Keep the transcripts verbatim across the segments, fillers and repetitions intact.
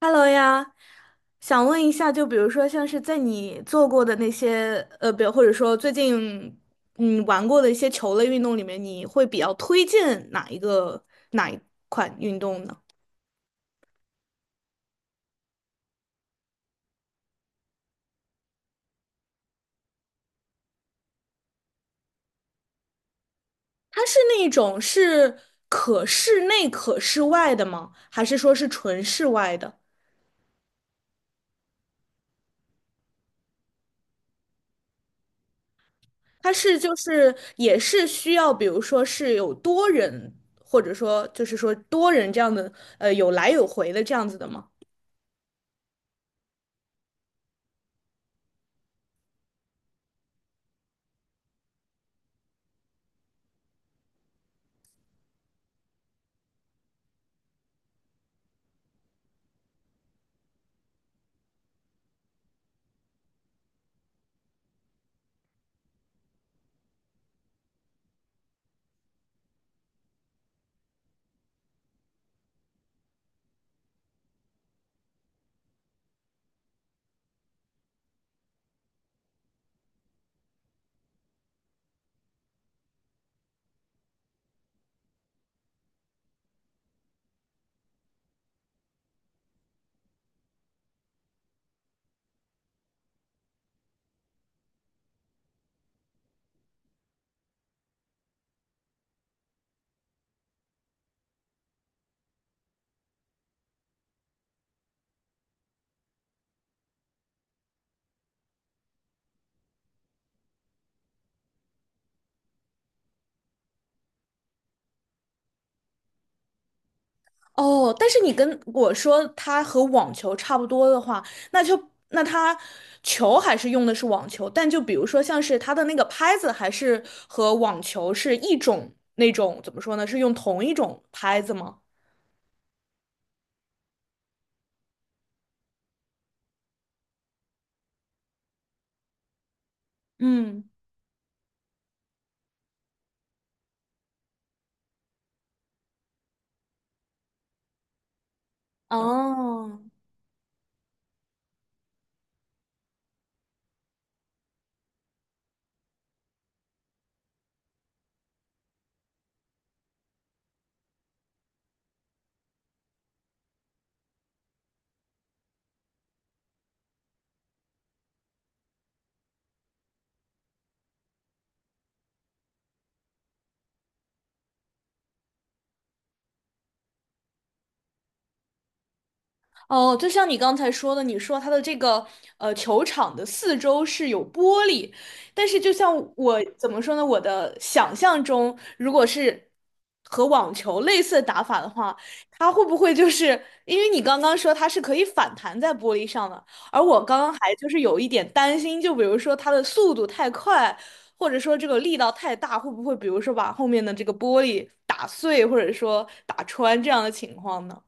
Hello 呀，想问一下，就比如说像是在你做过的那些，呃，比如或者说最近嗯玩过的一些球类运动里面，你会比较推荐哪一个哪一款运动呢？它是那一种是可室内可室外的吗？还是说是纯室外的？它是就是也是需要，比如说是有多人，或者说就是说多人这样的，呃，有来有回的这样子的吗？哦，但是你跟我说它和网球差不多的话，那就那它球还是用的是网球，但就比如说像是它的那个拍子，还是和网球是一种那种怎么说呢？是用同一种拍子吗？嗯，哦，哦，就像你刚才说的，你说它的这个呃球场的四周是有玻璃，但是就像我怎么说呢，我的想象中，如果是和网球类似的打法的话，它会不会就是因为你刚刚说它是可以反弹在玻璃上的，而我刚刚还就是有一点担心，就比如说它的速度太快，或者说这个力道太大，会不会比如说把后面的这个玻璃打碎，或者说打穿这样的情况呢？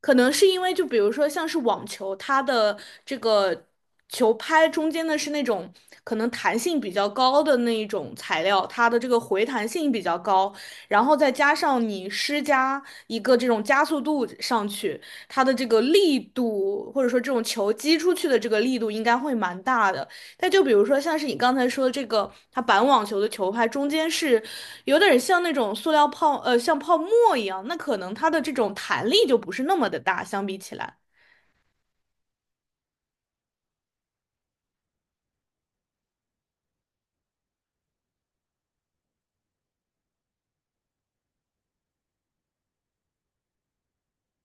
可能是因为就比如说像是网球，它的这个球拍中间的是那种可能弹性比较高的那一种材料，它的这个回弹性比较高，然后再加上你施加一个这种加速度上去，它的这个力度或者说这种球击出去的这个力度应该会蛮大的。那就比如说，像是你刚才说的这个，它板网球的球拍中间是有点像那种塑料泡，呃，像泡沫一样，那可能它的这种弹力就不是那么的大，相比起来。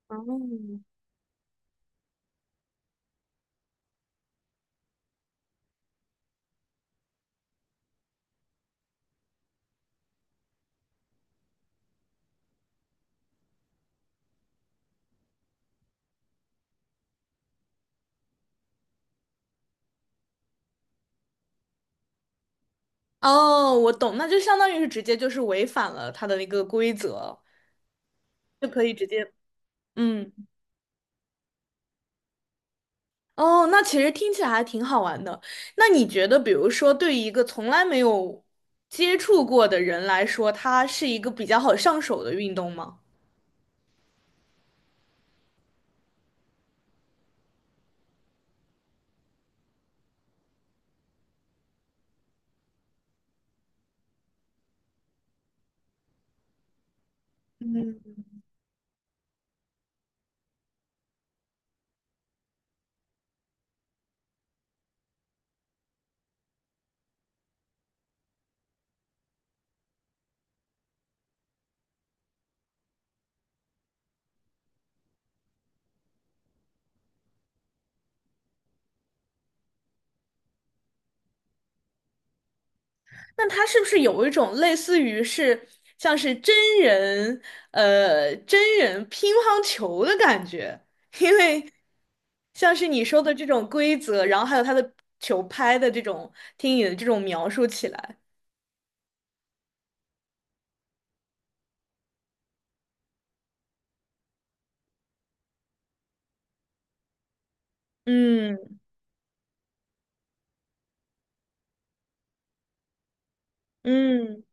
哦，哦，我懂，那就相当于是直接就是违反了它的一个规则，就可以直接，嗯，哦，那其实听起来还挺好玩的。那你觉得，比如说对于一个从来没有接触过的人来说，它是一个比较好上手的运动吗？那它是不是有一种类似于是像是真人呃真人乒乓球的感觉？因为像是你说的这种规则，然后还有它的球拍的这种，听你的这种描述起来，嗯嗯，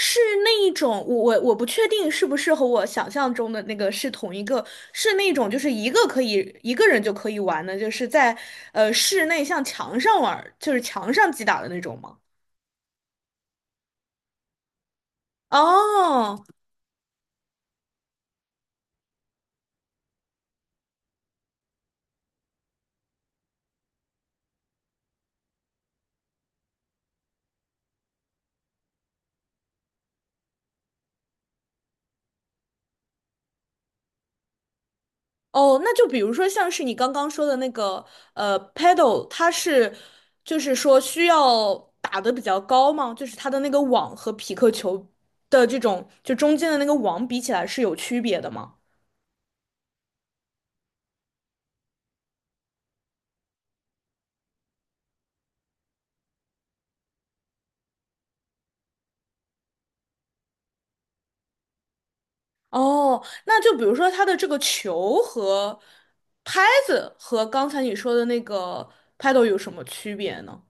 是那一种，我我我不确定是不是和我想象中的那个是同一个，是那种就是一个可以一个人就可以玩的，就是在呃室内像墙上玩儿就是墙上击打的那种吗？哦哦，那就比如说像是你刚刚说的那个呃，paddle，它是就是说需要打得比较高吗？就是它的那个网和匹克球的这种就中间的那个网比起来是有区别的吗？哦，那就比如说它的这个球和拍子和刚才你说的那个 paddle 有什么区别呢？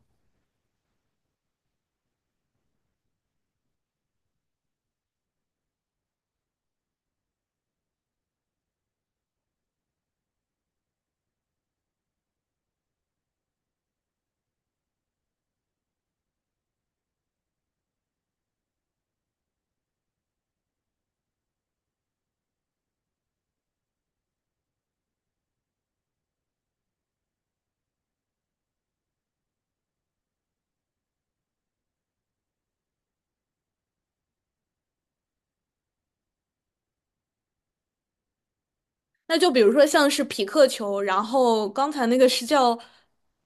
那就比如说像是匹克球，然后刚才那个是叫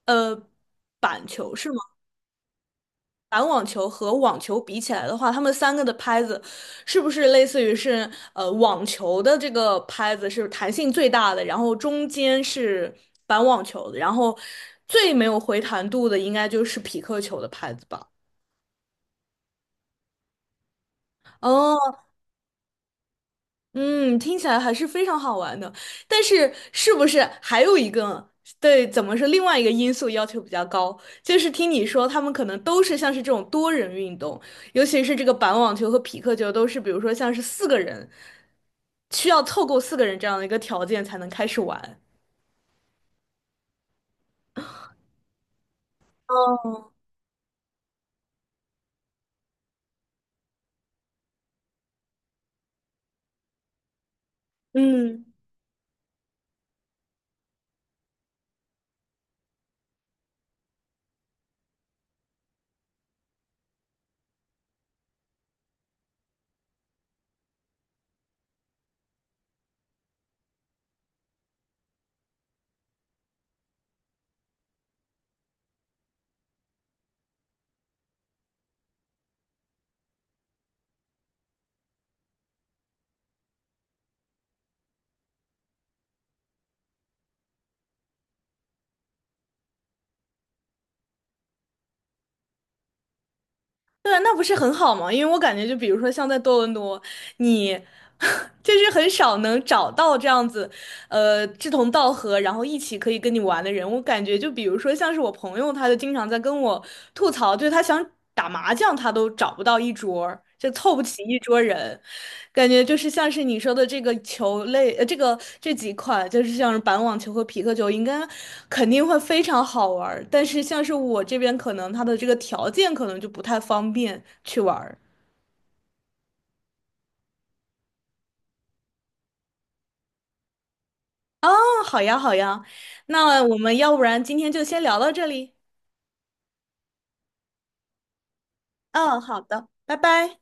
呃板球是吗？板网球和网球比起来的话，他们三个的拍子是不是类似于是呃网球的这个拍子是弹性最大的，然后中间是板网球的，然后最没有回弹度的应该就是匹克球的拍子吧？哦，嗯，听起来还是非常好玩的，但是是不是还有一个，对，怎么说，另外一个因素要求比较高，就是听你说他们可能都是像是这种多人运动，尤其是这个板网球和匹克球都是，比如说像是四个人，需要凑够四个人这样的一个条件才能开始玩。哦，嗯。对，那不是很好吗？因为我感觉，就比如说像在多伦多，你 就是很少能找到这样子，呃，志同道合，然后一起可以跟你玩的人。我感觉，就比如说像是我朋友，他就经常在跟我吐槽，就是他想打麻将，他都找不到一桌儿就凑不齐一桌人。感觉就是像是你说的这个球类，呃，这个这几款就是像是板网球和皮克球，应该肯定会非常好玩儿。但是像是我这边，可能它的这个条件可能就不太方便去玩儿。哦，好呀，好呀，那我们要不然今天就先聊到这里。嗯，好的，拜拜。